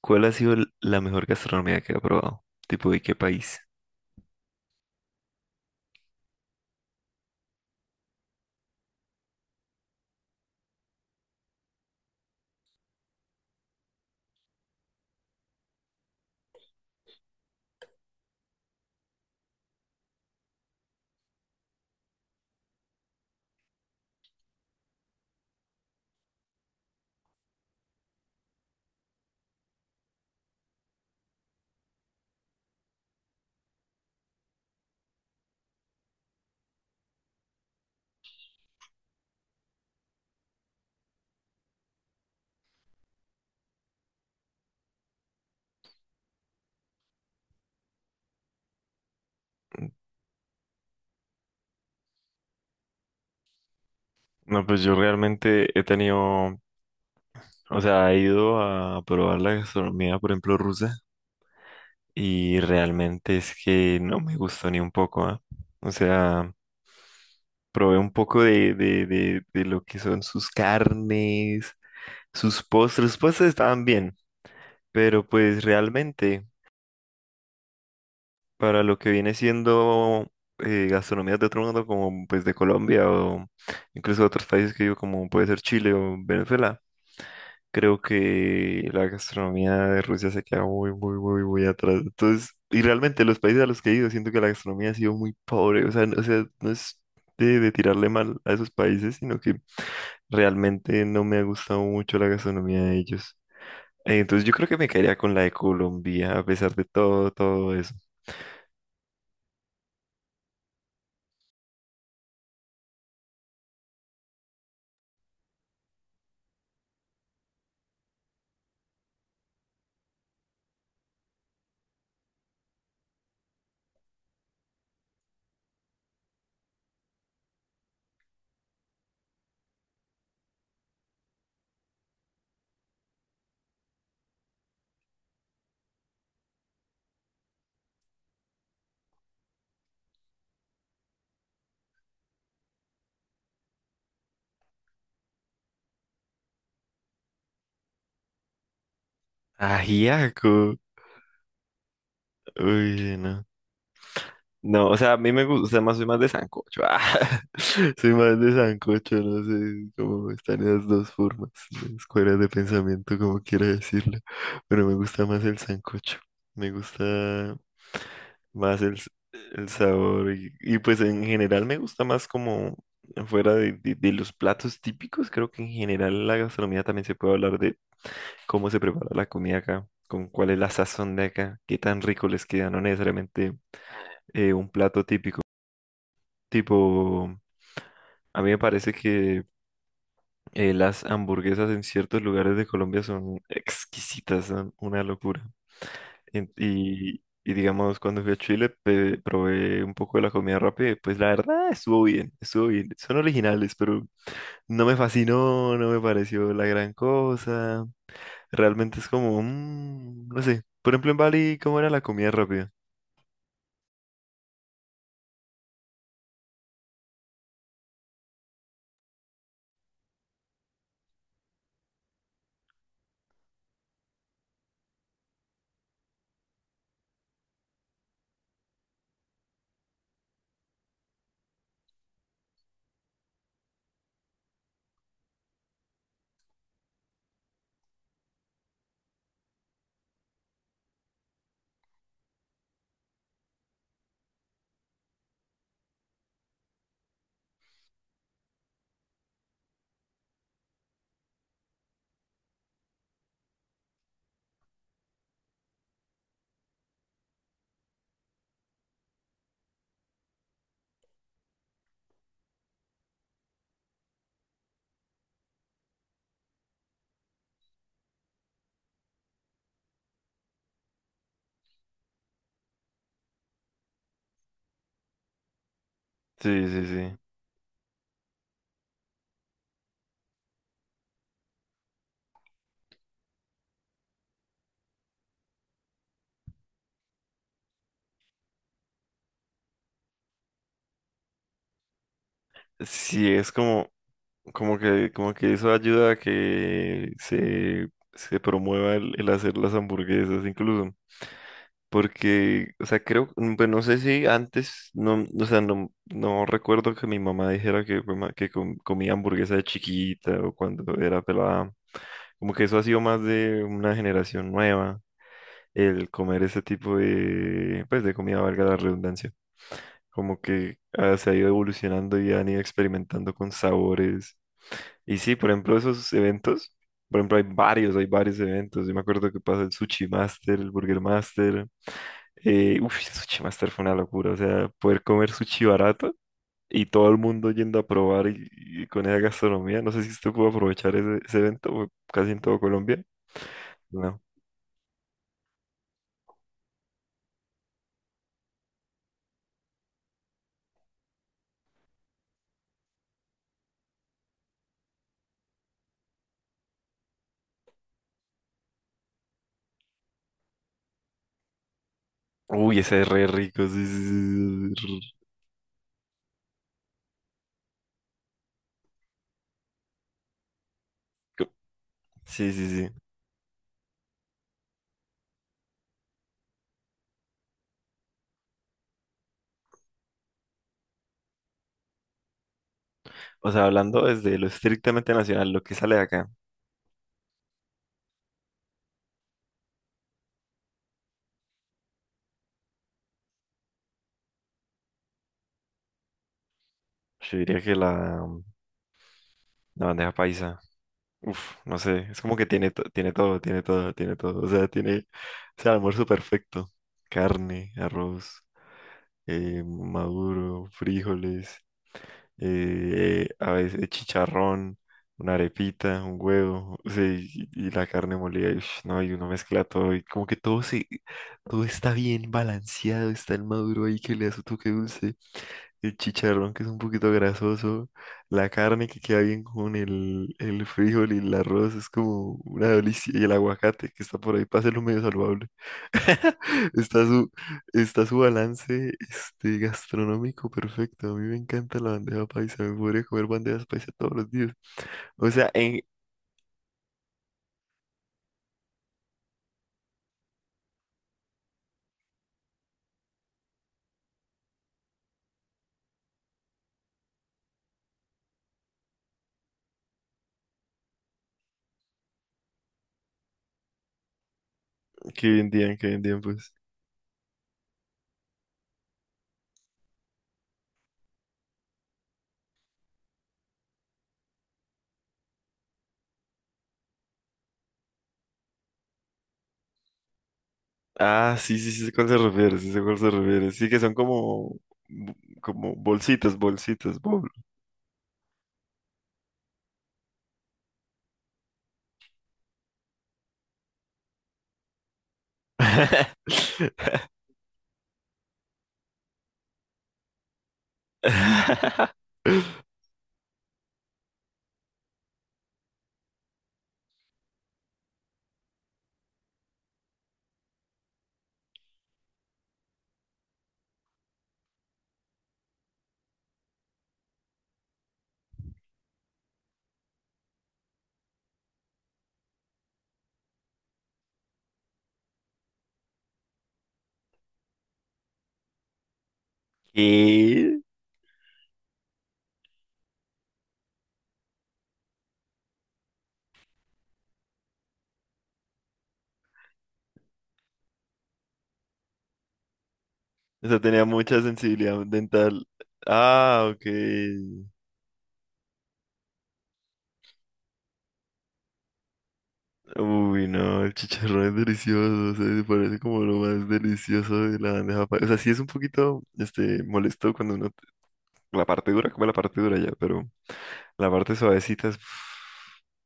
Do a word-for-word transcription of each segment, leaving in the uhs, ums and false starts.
¿Cuál ha sido el- la mejor gastronomía que ha probado? ¿Tipo de qué país? No, pues yo realmente he tenido, o sea, he ido a probar la gastronomía, por ejemplo, rusa, y realmente es que no me gustó ni un poco, ¿ah? O sea, probé un poco de, de, de, de lo que son sus carnes, sus postres. Los postres estaban bien, pero pues realmente para lo que viene siendo eh, gastronomías de otro mundo, como pues de Colombia o incluso de otros países que digo, como puede ser Chile o Venezuela, creo que la gastronomía de Rusia se queda muy, muy, muy, muy atrás. Entonces, y realmente los países a los que he ido, siento que la gastronomía ha sido muy pobre, o sea, no- o sea, no es de, de tirarle mal a esos países, sino que realmente no me ha gustado mucho la gastronomía de ellos. Eh, Entonces yo creo que me quedaría con la de Colombia, a pesar de todo, todo eso. Ajiaco. Uy, no. No, o sea, a mí me gusta, o sea, más, soy más de sancocho. Ah. Soy más de sancocho, no sé cómo están esas dos formas, las escuelas de pensamiento, como quiera decirlo. Pero me gusta más el sancocho. Me gusta más el, s- el sabor. Y, y, pues en general me gusta más como fuera de, de- de los platos típicos. Creo que en general la gastronomía también se puede hablar de cómo se prepara la comida acá, con cuál es la sazón de acá, qué tan rico les queda. No necesariamente eh, un plato típico. Tipo, a mí me parece que eh, las hamburguesas en ciertos lugares de Colombia son exquisitas, son una locura. En- Y, y digamos, cuando fui a Chile, pe- probé un poco de la comida rápida y pues la verdad estuvo bien, estuvo bien. Son originales, pero no me fascinó, no me pareció la gran cosa. Realmente es como, mm, no sé. Por ejemplo, en Bali, ¿cómo era la comida rápida? Sí, sí, sí. Sí, es como… Como que, como que eso ayuda a que se, se promueva el, el hacer las hamburguesas incluso. Porque, o sea, creo, mm, pues no sé si antes, no, o sea, no, no recuerdo que mi mamá dijera que, fue ma- que com- comía hamburguesa de chiquita o cuando era pelada. Como que eso ha sido más de una generación nueva, el comer ese tipo de, pues, de comida, valga la redundancia, como que ah, se ha ido evolucionando y han ido experimentando con sabores. Y sí, por ejemplo, esos eventos, por ejemplo, hay varios, hay varios eventos. Yo me acuerdo que pasó el Sushi Master, el Burger Master. Eh, uf, el Sushi Master fue una locura, o sea, poder comer sushi barato y todo el mundo yendo a probar y, y con esa gastronomía. No sé si usted pudo aprovechar ese, ese evento, fue casi en todo Colombia. No. Uy, ese es re rico, sí, sí, sí. Sí, sí, sí. O sea, hablando desde lo estrictamente nacional, lo que sale de acá, yo diría que la, la bandeja paisa, uf, no sé, es como que tiene, to- tiene todo, tiene todo, tiene todo, o sea, tiene, o sea, el almuerzo perfecto: carne, arroz, eh, maduro, frijoles, eh, eh, a veces chicharrón, una arepita, un huevo. O sea, y, y la carne molida, y, ush, no, y uno mezcla todo, y como que todo se, todo está bien balanceado, está el maduro ahí que le da su toque dulce, el chicharrón que es un poquito grasoso, la carne que queda bien con el, el frijol y el arroz, es como una delicia, y el aguacate que está por ahí para hacerlo medio saludable. Está. Está su balance este, gastronómico perfecto. A mí me encanta la bandeja paisa. Me podría comer bandejas paisa todos los días. O sea, en… Que vendían, que vendían, pues. Ah, sí, sí, sí, sé cuál se refiere, sí, sé cuál se refiere. Sí, que son como, bo- como bolsitas, bolsitas, bol. ¿Qué? O sea, tenía mucha sensibilidad dental. Ah, ok. Uy, no, el chicharrón es delicioso, o sea, me parece como lo más delicioso de la bandeja paisa. O sea, sí es un poquito, este, molesto cuando uno, la parte dura, come la parte dura ya, pero la parte suavecita es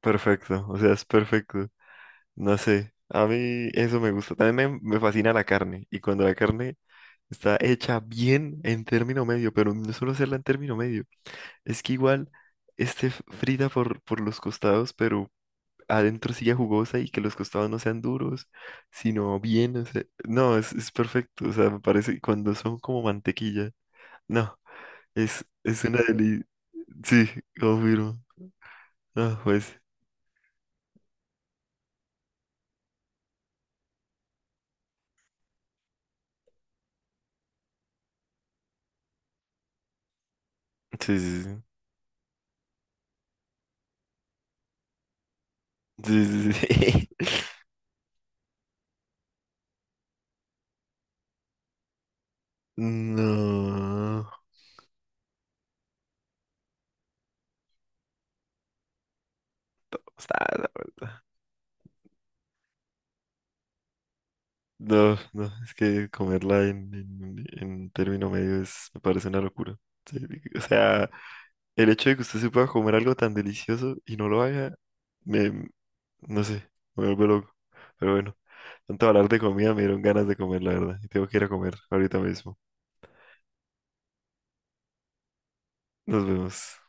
perfecto, o sea, es perfecto. No sé, a mí eso me gusta. También me, me fascina la carne, y cuando la carne está hecha bien en término medio, pero no solo hacerla en término medio, es que igual esté frita por, por los costados, pero adentro silla jugosa y que los costados no sean duros, sino bien, o sea, no, es, es perfecto, o sea, me parece cuando son como mantequilla, no, es, es una delicia, sí, confirmo, no, pues, sí, sí, sí, sí, sí, sí. No, está, la verdad. No, no, es que comerla en, en, en término medio es, me parece una locura. Sí, o sea, el hecho de que usted se pueda comer algo tan delicioso y no lo haga, me, no sé, me vuelvo loco. Pero bueno, tanto hablar de comida me dieron ganas de comer, la verdad. Y tengo que ir a comer ahorita mismo. Nos vemos.